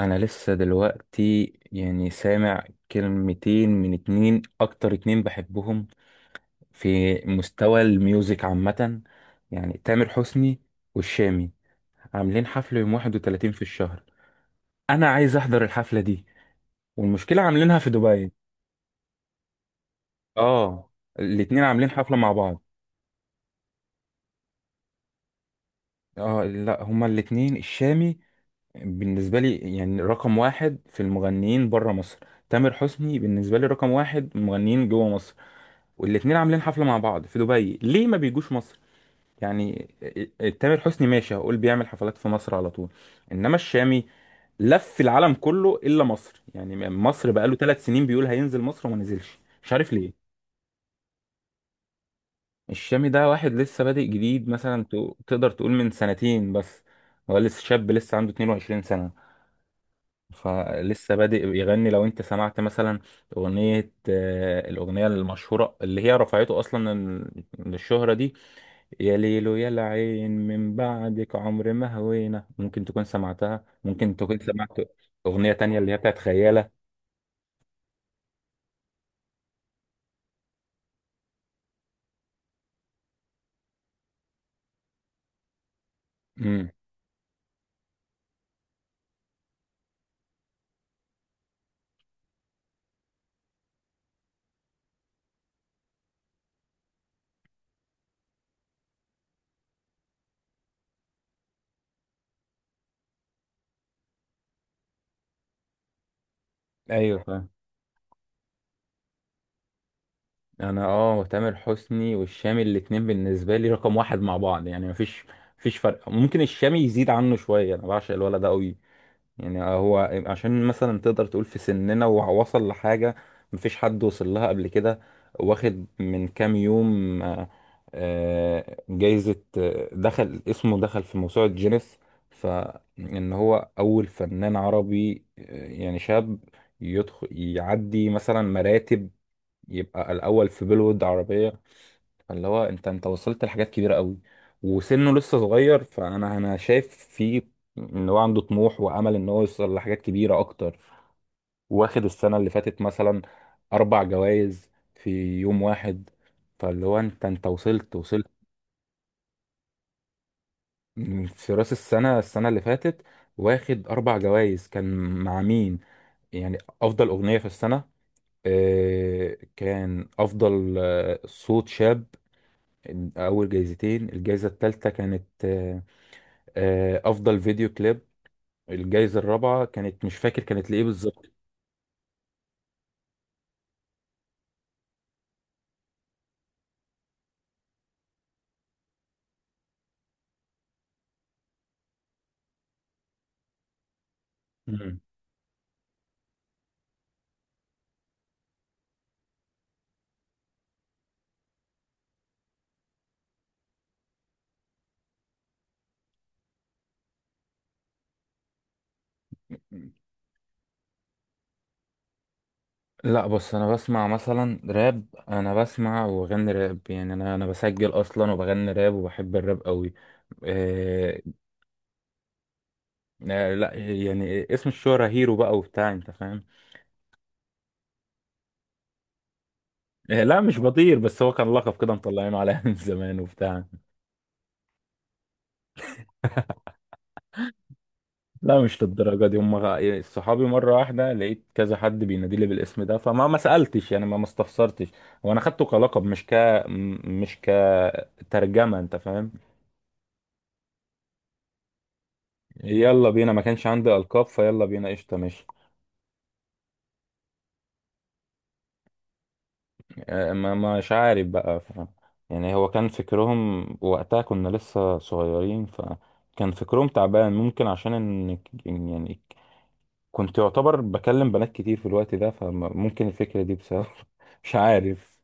انا لسه دلوقتي يعني سامع كلمتين من اتنين اكتر اتنين بحبهم في مستوى الميوزك عامة، يعني تامر حسني والشامي عاملين حفلة يوم 31 في الشهر. انا عايز احضر الحفلة دي، والمشكلة عاملينها في دبي. اه، الاتنين عاملين حفلة مع بعض. اه لا، هما الاتنين. الشامي بالنسبة لي يعني رقم واحد في المغنيين برا مصر. تامر حسني بالنسبة لي رقم واحد مغنيين جوا مصر. والاتنين عاملين حفلة مع بعض في دبي، ليه ما بيجوش مصر؟ يعني تامر حسني ماشي، هقول بيعمل حفلات في مصر على طول. انما الشامي لف العالم كله الا مصر، يعني مصر بقاله 3 سنين بيقول هينزل مصر وما نزلش، مش عارف ليه. الشامي ده واحد لسه بادئ جديد، مثلا تقدر تقول من سنتين بس. هو لسه شاب، لسه عنده 22 سنة، فلسه بادئ يغني. لو انت سمعت مثلا اغنية الاغنية المشهورة اللي هي رفعته اصلا للشهرة دي. يا ليلو يا العين من بعدك عمر ما هوينا، ممكن تكون سمعتها، ممكن تكون سمعت أغنية تانية اللي هي بتاعت خيالة. امم، ايوه فاهم. انا تامر حسني والشامي الاتنين بالنسبة لي رقم واحد مع بعض، يعني مفيش فرق. ممكن الشامي يزيد عنه شوية، انا بعشق الولد ده قوي. يعني هو عشان مثلا تقدر تقول في سننا ووصل لحاجة مفيش حد وصل لها قبل كده. واخد من كام يوم جايزة، دخل اسمه، دخل في موسوعة جينيس. فإن هو أول فنان عربي يعني شاب يدخل يعدي مثلا مراتب، يبقى الأول في بيلوود عربية. فاللي هو انت وصلت لحاجات كبيره قوي، وسنه لسه صغير، فانا شايف فيه ان هو عنده طموح وامل ان هو يوصل لحاجات كبيره اكتر. واخد السنه اللي فاتت مثلا اربع جوائز في يوم واحد. فاللي هو انت وصلت. من في راس السنه اللي فاتت واخد اربع جوائز. كان مع مين؟ يعني افضل اغنيه في السنه، كان افضل صوت شاب، اول جايزتين. الجايزه الثالثه كانت افضل فيديو كليب. الجايزة الرابعة كانت مش فاكر كانت لإيه بالظبط. مم. لا، بس انا بسمع مثلا راب، انا بسمع وبغني راب، يعني انا بسجل اصلا وبغني راب وبحب الراب قوي. آه لا يعني اسم الشهرة هيرو بقى وبتاع، انت فاهم. آه لا مش بطير، بس هو كان لقب كده مطلعينه عليا من زمان وبتاع. لا مش للدرجة دي، هم صحابي مرة واحدة لقيت كذا حد بينادي لي بالاسم ده، فما ما سألتش يعني ما استفسرتش. وانا خدته كلقب، مش م- مش كترجمة، انت فاهم. يلا بينا، ما كانش عندي ألقاب، فيلا بينا، قشطة ماشي. ما مش عارف بقى يعني هو كان فكرهم وقتها كنا لسه صغيرين، فكان فكرهم تعبان ممكن، عشان إن يعني كنت يعتبر بكلم بنات كتير في الوقت ده، فممكن الفكرة دي بسبب مش عارف.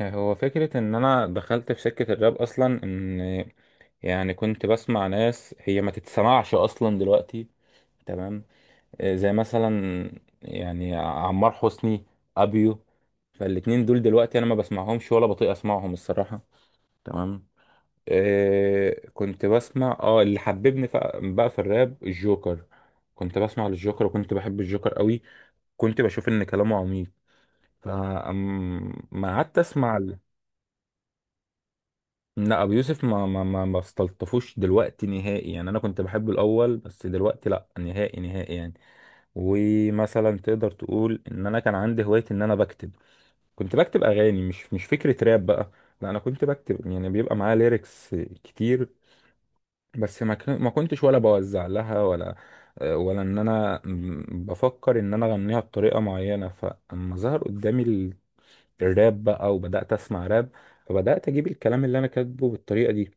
هو فكرة إن أنا دخلت في سكة الراب أصلا، إن يعني كنت بسمع ناس هي ما تتسمعش أصلا دلوقتي. تمام. زي مثلا يعني عمار حسني، أبيو. فالاتنين دول دلوقتي أنا ما بسمعهمش ولا بطيق أسمعهم الصراحة. تمام. كنت بسمع اللي حببني بقى في الراب الجوكر. كنت بسمع للجوكر وكنت بحب الجوكر قوي، كنت بشوف إن كلامه عميق، فما قعدت أسمع. لا، ابو يوسف ما استلطفوش دلوقتي نهائي، يعني انا كنت بحبه الاول بس دلوقتي لا، نهائي نهائي يعني. ومثلا تقدر تقول ان انا كان عندي هوايه ان انا بكتب. كنت بكتب اغاني، مش فكره راب بقى. لا انا كنت بكتب، يعني بيبقى معايا ليركس كتير. بس ما كنتش ولا بوزع لها، ولا ان انا بفكر ان انا اغنيها بطريقه معينه. فاما ظهر قدامي الراب بقى وبدات اسمع راب، فبدات اجيب الكلام اللي انا كاتبه بالطريقه دي.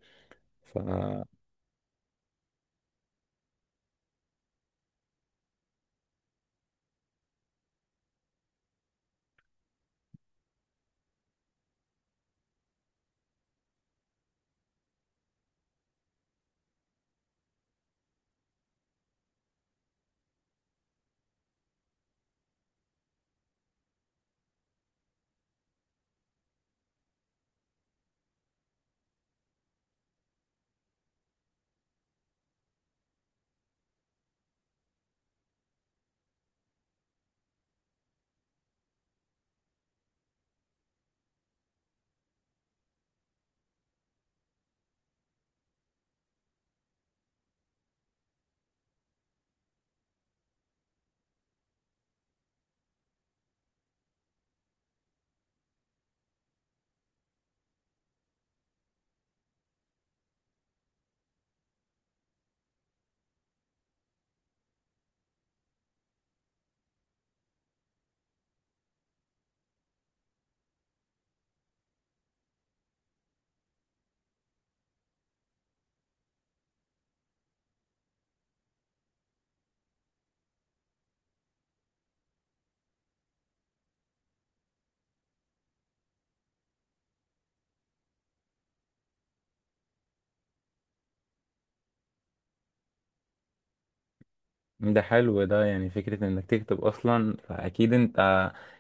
ده حلو ده، يعني فكرة انك تكتب اصلا، فاكيد انت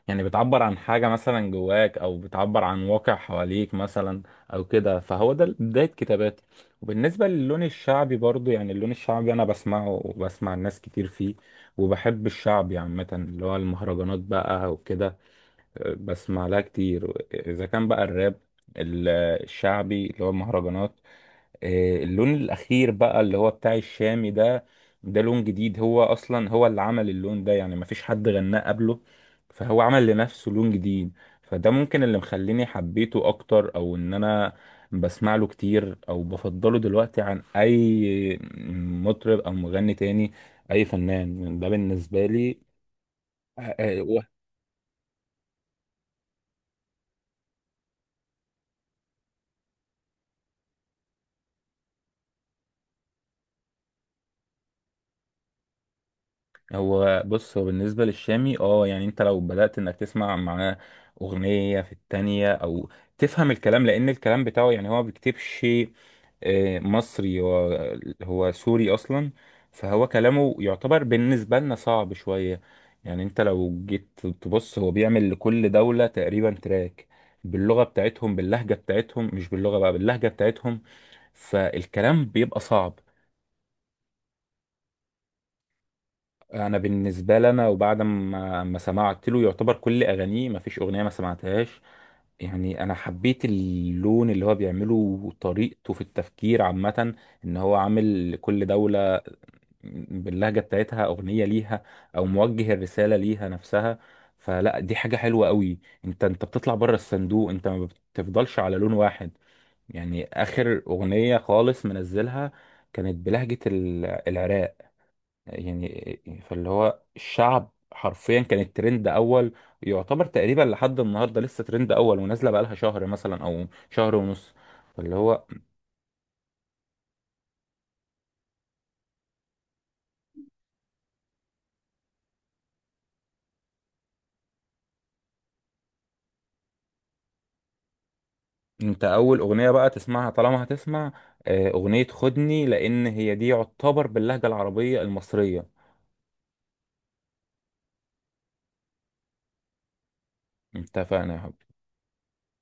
يعني بتعبر عن حاجة مثلا جواك، او بتعبر عن واقع حواليك مثلا او كده، فهو ده بداية كتاباتي. وبالنسبة للون الشعبي برضو، يعني اللون الشعبي انا بسمعه وبسمع الناس كتير فيه، وبحب الشعبي عامة اللي هو المهرجانات بقى وكده. بسمع لها كتير اذا كان بقى الراب الشعبي اللي هو المهرجانات. اللون الاخير بقى اللي هو بتاع الشامي ده، ده لون جديد. هو اصلا هو اللي عمل اللون ده، يعني مفيش حد غناه قبله، فهو عمل لنفسه لون جديد. فده ممكن اللي مخليني حبيته اكتر، او ان انا بسمع له كتير، او بفضله دلوقتي عن اي مطرب او مغني تاني، اي فنان ده بالنسبة لي. آه، آه، هو بص، هو بالنسبة للشامي يعني انت لو بدأت انك تسمع معاه اغنية في التانية، او تفهم الكلام، لان الكلام بتاعه يعني هو ما بيكتبش مصري، هو سوري اصلا. فهو كلامه يعتبر بالنسبة لنا صعب شوية. يعني انت لو جيت تبص هو بيعمل لكل دولة تقريبا تراك باللغة بتاعتهم، باللهجة بتاعتهم، مش باللغة بقى، باللهجة بتاعتهم، فالكلام بيبقى صعب. انا بالنسبه لي، انا وبعد ما سمعت له، يعتبر كل اغانيه ما فيش اغنيه ما سمعتهاش. يعني انا حبيت اللون اللي هو بيعمله وطريقته في التفكير عامه، ان هو عامل كل دوله باللهجه بتاعتها اغنيه ليها، او موجه الرساله ليها نفسها، فلا دي حاجه حلوه قوي. انت بتطلع بره الصندوق، انت ما بتفضلش على لون واحد. يعني اخر اغنيه خالص منزلها كانت بلهجه العراق. يعني فاللي هو الشعب حرفيا كانت ترند اول، يعتبر تقريبا لحد النهارده لسه ترند اول، ونازله بقالها شهر مثلا او شهر ونص، فاللي هو. انت اول اغنيه بقى تسمعها طالما هتسمع، اغنيه خدني، لان هي دي يعتبر باللهجه العربيه المصريه. اتفقنا يا حبيبي.